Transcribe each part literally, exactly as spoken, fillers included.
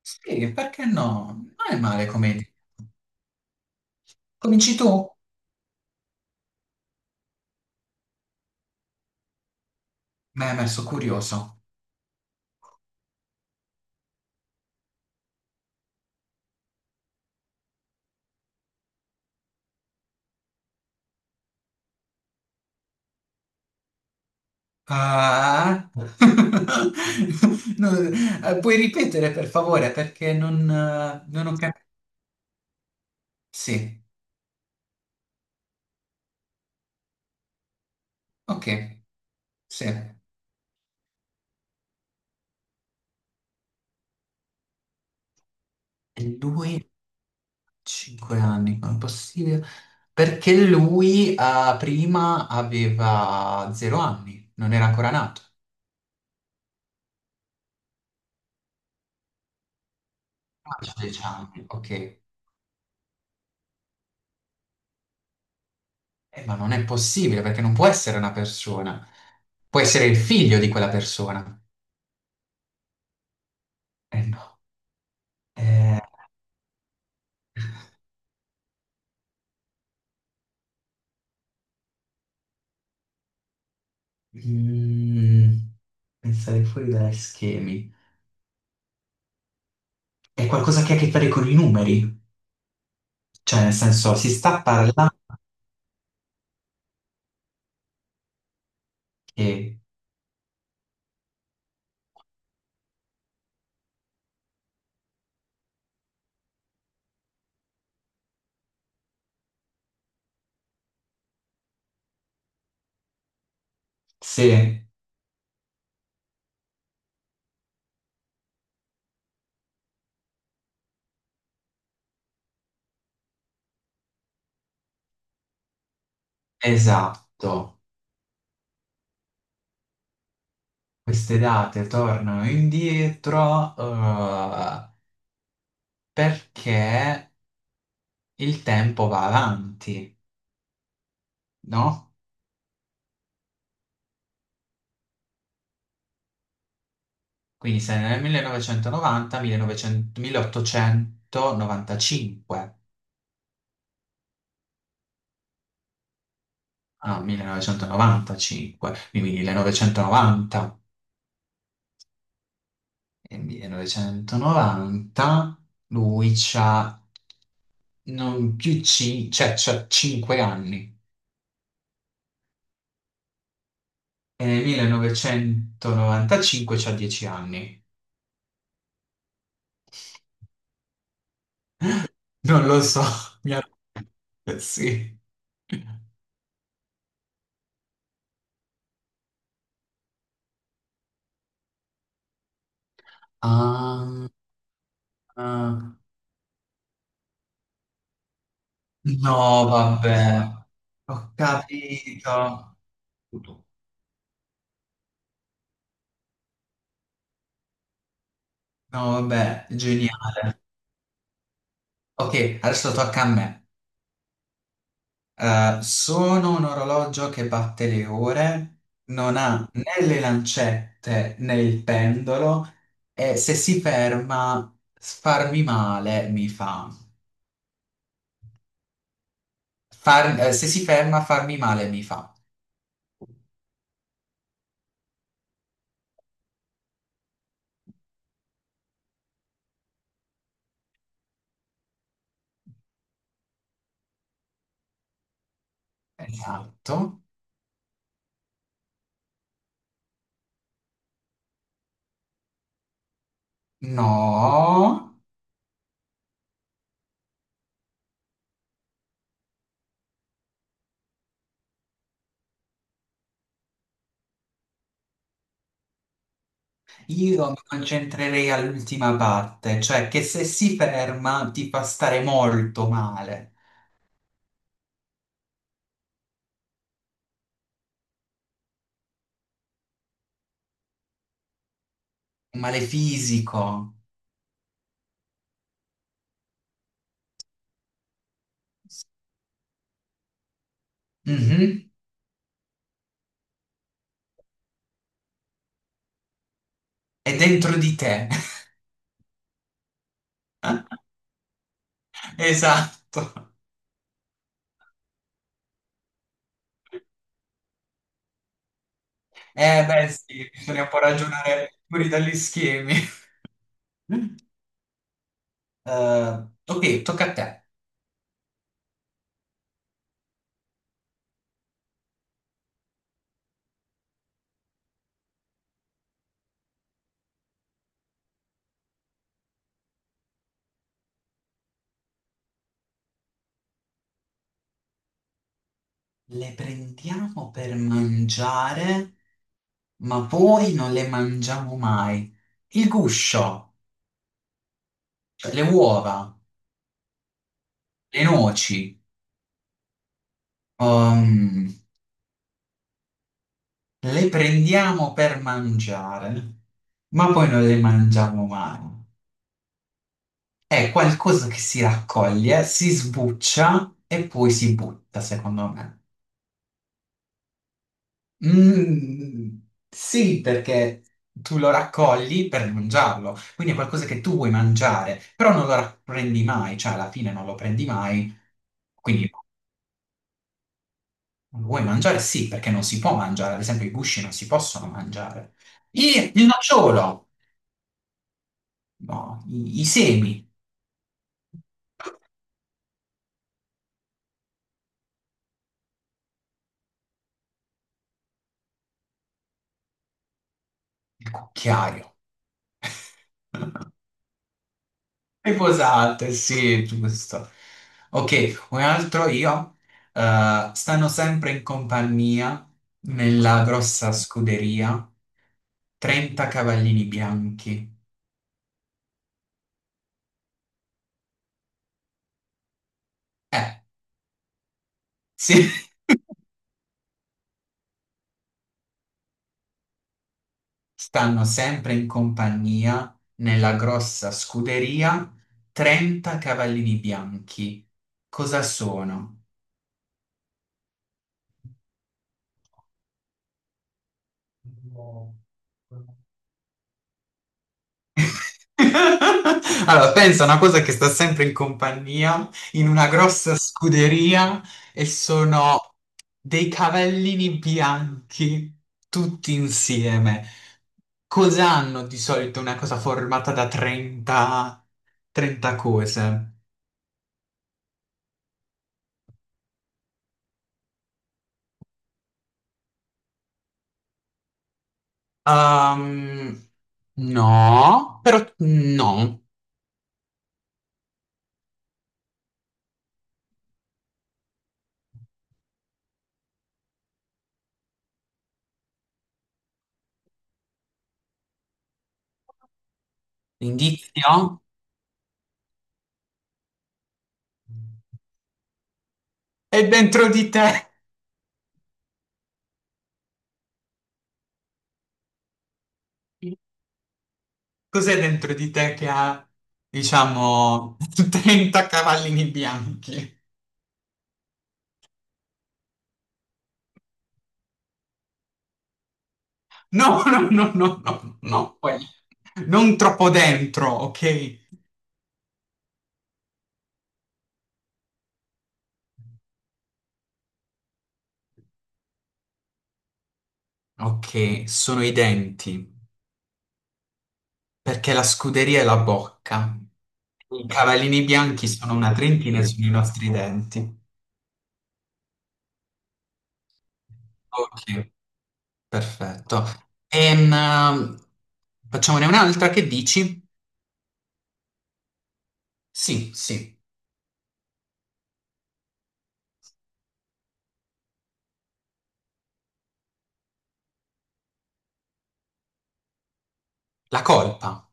Sì, perché no? Non è male come idea. Cominci tu? Mi hai messo curioso. Ah. No, eh, puoi ripetere per favore perché non, eh, non ho capito. Sì, ok, sì. E lui, cinque anni, come è possibile? Perché lui eh, prima aveva zero anni, non era ancora nato. Ah, dieci anni, ok. Eh, ma non è possibile perché non può essere una persona. Può essere il figlio di quella persona. Eh no. Eh, mm, pensare fuori dagli schemi. È qualcosa che ha a che fare con i numeri. Cioè, nel senso, si sta parlando che se, esatto, queste date tornano indietro, eh, perché il tempo va avanti, no? Quindi sei nel millenovecentonovanta, millenovecento, milleottocentonovantacinque. No, millenovecentonovantacinque, quindi millenovecentonovanta. E millenovecentonovanta lui c'ha non più cinque, cioè c'ha cinque anni. E nel millenovecentonovantacinque c'ha dieci anni. Non lo so, mi ha... Sì. Ah, ah. No, vabbè. Ho capito. tutto. No, vabbè, geniale. Ok, adesso tocca a me. Eh, sono un orologio che batte le ore, non ha né le lancette né il pendolo e se si ferma farmi male mi fa. Far- eh, se si ferma farmi male mi fa. Esatto. No, io mi concentrerei all'ultima parte, cioè che se si ferma ti fa stare molto male, un male fisico. Mhm. È dentro di te. Esatto. Eh beh sì, bisogna un po' ragionare fuori dagli schemi. Eh, ok, tocca a te. Le prendiamo per mangiare, ma poi non le mangiamo mai. Il guscio, cioè le uova, le noci, ehm, le prendiamo per mangiare, ma poi non le mangiamo mai. È qualcosa che si raccoglie, si sbuccia e poi si butta, secondo me. Mm, sì, perché tu lo raccogli per mangiarlo, quindi è qualcosa che tu vuoi mangiare, però non lo ra- prendi mai, cioè alla fine non lo prendi mai, quindi lo vuoi mangiare? Sì, perché non si può mangiare, ad esempio i gusci non si possono mangiare. I- il nocciolo, no, i, i semi, il cucchiaio. Riposante, sì, giusto. Ok, un altro io. Eh, stanno sempre in compagnia nella grossa scuderia trenta cavallini bianchi. Eh, sì. Stanno sempre in compagnia nella grossa scuderia trenta cavallini bianchi. Cosa sono? No. Allora, pensa a una cosa che sta sempre in compagnia, in una grossa scuderia, e sono dei cavallini bianchi tutti insieme. Cosa hanno di solito una cosa formata da trenta, trenta cose? Ehm, no, però no. Indizio? È dentro di te. Cos'è dentro di te che ha, diciamo, trenta cavallini bianchi? No, no, no, no, no, no, quelli. Non troppo dentro, ok? Ok, sono i denti, perché la scuderia è la bocca. I cavallini bianchi sono una trentina, e sono i nostri denti. Ok, perfetto. Ehm, facciamone un'altra, che dici? Sì, sì, la colpa.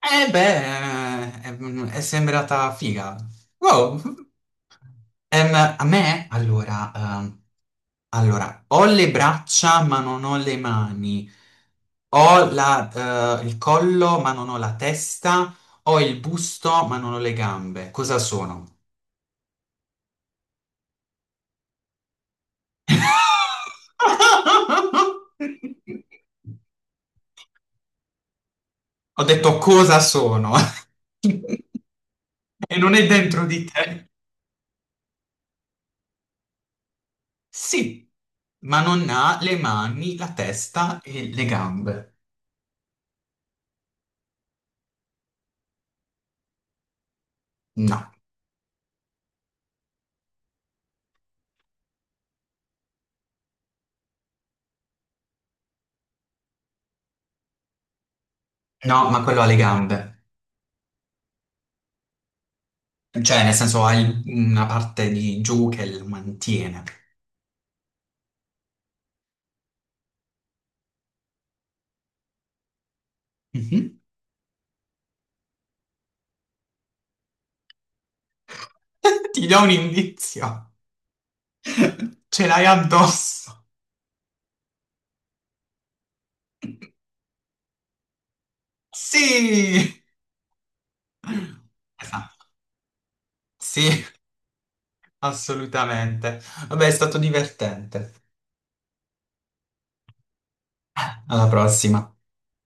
Eh beh, è, è sembrata figa. Wow. Ehm, a me, allora, ehm, allora, ho le braccia ma non ho le mani, ho la, eh, il collo ma non ho la testa, ho il busto ma non ho le gambe. Cosa sono? Ho detto cosa sono e non è dentro di te. Sì, ma non ha le mani, la testa e le gambe. No, no, ma quello ha le gambe. Cioè, nel senso, ha il- una parte di giù che lo mantiene. Mhm. Ti do un indizio. Ce l'hai addosso. Sì! Esatto. Sì, assolutamente. Vabbè, è stato divertente. Alla prossima.